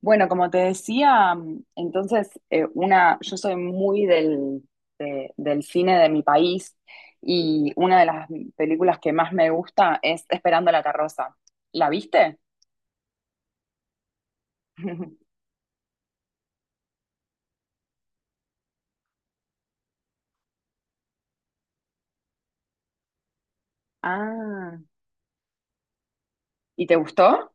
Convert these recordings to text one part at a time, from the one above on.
Bueno, como te decía, entonces yo soy muy del cine de mi país y una de las películas que más me gusta es Esperando la carroza. ¿La viste? Ah, ¿y te gustó?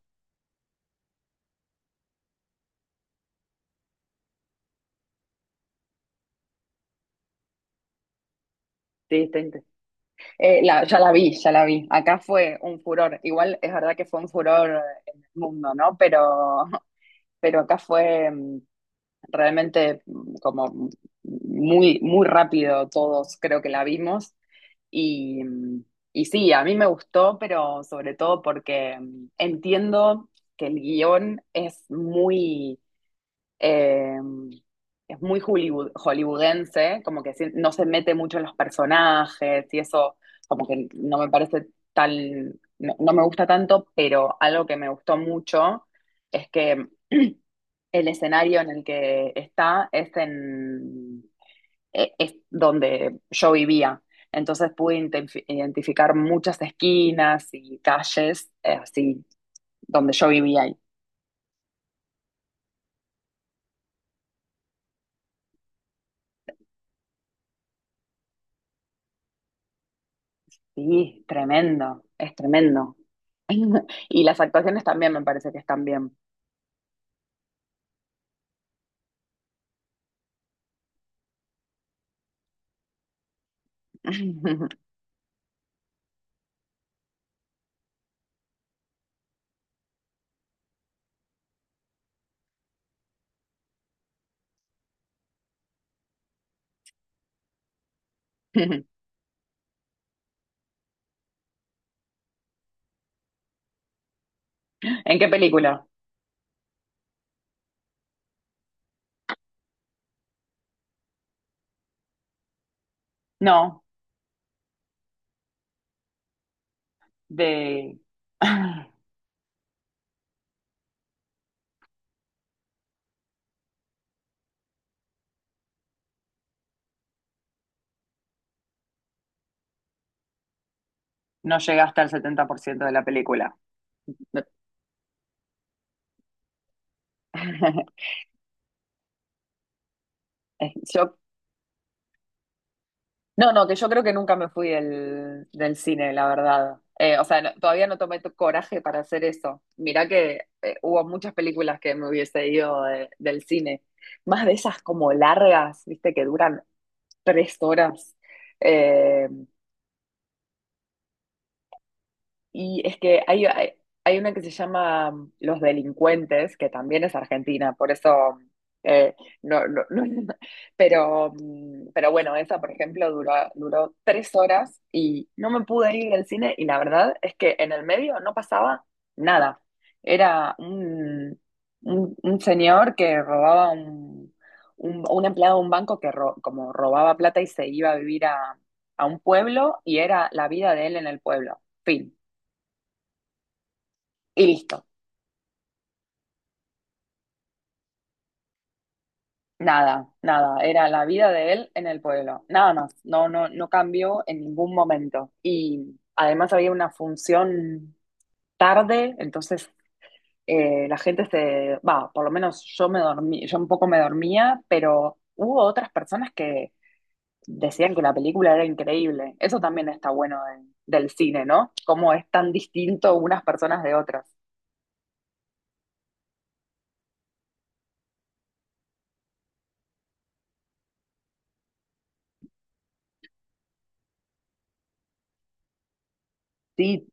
Sí, ya la vi, ya la vi. Acá fue un furor. Igual es verdad que fue un furor en el mundo, ¿no? Pero acá fue realmente, como muy, muy rápido todos creo que la vimos. Y, mm, y sí, a mí me gustó, pero sobre todo porque entiendo que el guión es eh, muy hollywoodense, como que no se mete mucho en los personajes y eso como que no me parece tan, no, no me gusta tanto, pero algo que me gustó mucho es que el escenario en el que está es donde yo vivía. Entonces pude identificar muchas esquinas y calles, así, donde yo vivía. Sí, tremendo, es tremendo. Y las actuaciones también me parece que están bien. ¿En qué película? No, de... No llegué hasta el ciento de la película. No. Eh, Yo, no, no, que yo creo que nunca me fui del cine, la verdad. O sea, todavía no tomé coraje para hacer eso. Mirá que hubo muchas películas que me hubiese ido del cine. Más de esas como largas, viste, que duran 3 horas. eh, Y es que hay una que se llama Los Delincuentes, que también es argentina, por eso, eh, no, no, pero bueno, esa, por ejemplo, duró 3 horas y no me pude ir del cine y la verdad es que en el medio no pasaba nada. Era un señor que robaba, un empleado de un banco que como robaba plata y se iba a vivir a un pueblo y era la vida de él en el pueblo. Fin. Y listo. Nada, nada. Era la vida de él en el pueblo. Nada más. No, no, no cambió en ningún momento. Y además había una función tarde, entonces la gente se va, por lo menos yo me dormí, yo un poco me dormía, pero hubo otras personas que decían que la película era increíble. Eso también está bueno del cine, ¿no? ¿Cómo es tan distinto unas personas de otras? Sí,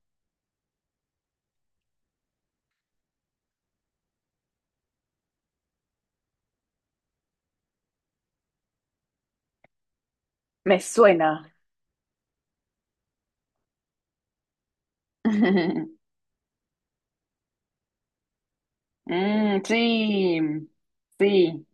me suena. Mm, sí, sí.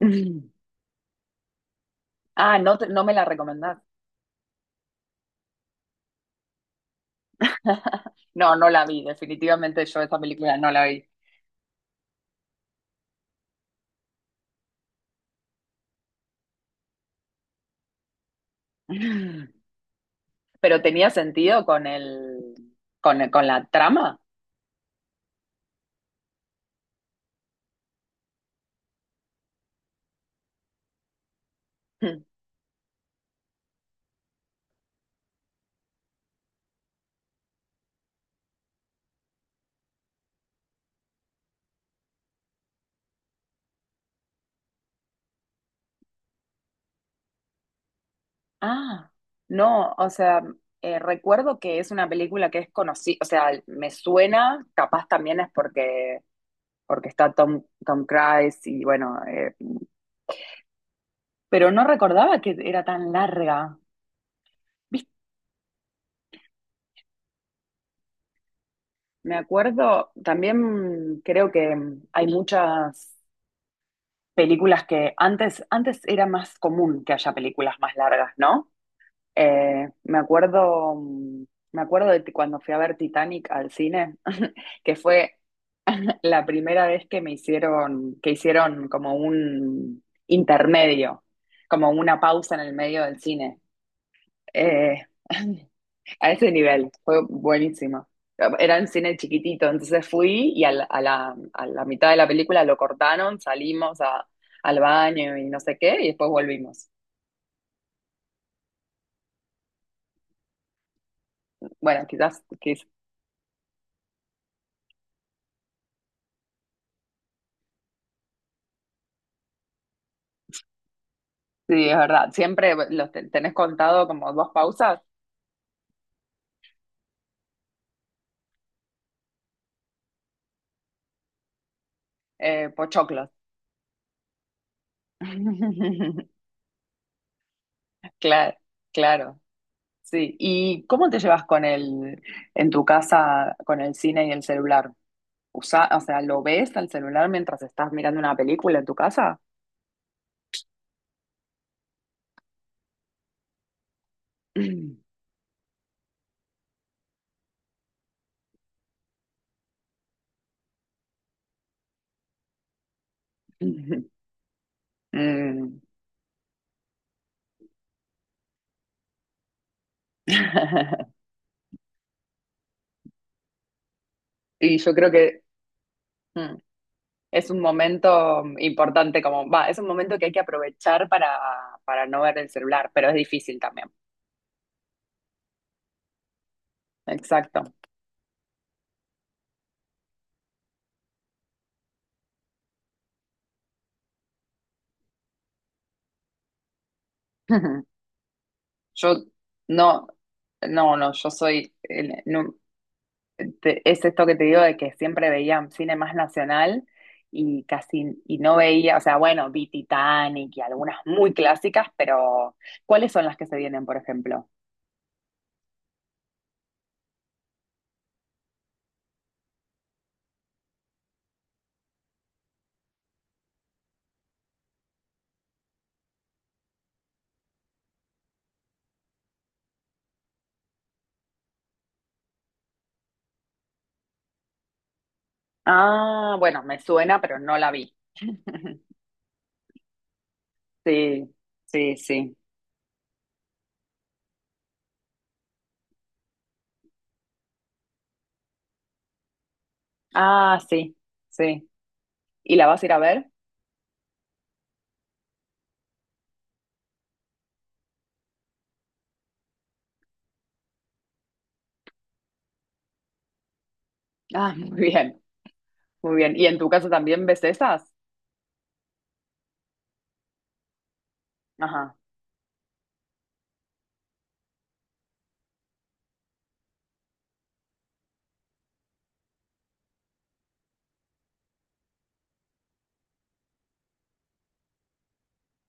Mm. Ah, no, no me la recomendás. No, no la vi, definitivamente yo esta película no la vi. Mm. Pero tenía sentido con la trama. Mm. Ah, no, o sea, recuerdo que es una película que es conocida, o sea, me suena, capaz también es porque está Tom Cruise y bueno, pero no recordaba que era tan larga. Me acuerdo, también creo que hay muchas películas que antes era más común que haya películas más largas, ¿no? Eh, me acuerdo, mm, me acuerdo cuando fui a ver Titanic al cine, que fue la primera vez que hicieron como un intermedio, como una pausa en el medio del cine. Eh, A ese nivel, fue buenísimo. Era un cine chiquitito, entonces fui y a la mitad de la película lo cortaron, salimos al baño y no sé qué, y después volvimos. Bueno, quizás, sí, es verdad. Siempre los tenés contado como dos pausas, pochoclos. Claro, claro, sí. ¿Y cómo te llevas en tu casa, con el cine y el celular? O sea, ¿lo ves al celular mientras estás mirando una película en tu casa? Ujú. Mm. Y yo creo que mm, es un momento importante, como va, es un momento que hay que aprovechar para no ver el celular, pero es difícil también. Exacto. Yo no, no, no, yo soy, no, es esto que te digo de que siempre veía cine más nacional y y no veía, o sea, bueno, vi Titanic y algunas muy clásicas, pero ¿cuáles son las que se vienen, por ejemplo? Ah, bueno, me suena, pero no la vi. Sí, sí, sí. Ah, sí, sí. ¿Y la vas a ir a ver? Ah, muy bien, muy bien. ¿Y en tu caso también ves esas? Ajá,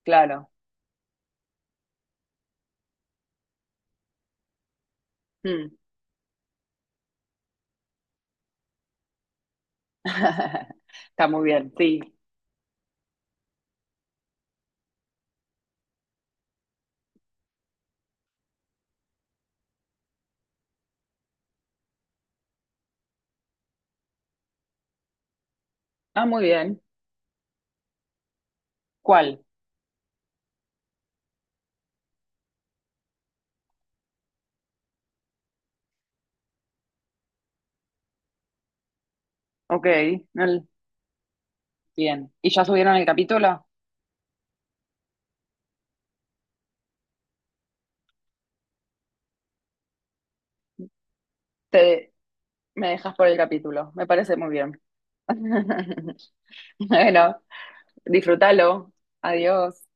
claro. Mm. Está muy bien, sí. Ah, muy bien. ¿Cuál? Ok, bien. ¿Y ya subieron el capítulo? Te, Me dejas por el capítulo, me parece muy bien. Bueno, disfrútalo. Adiós.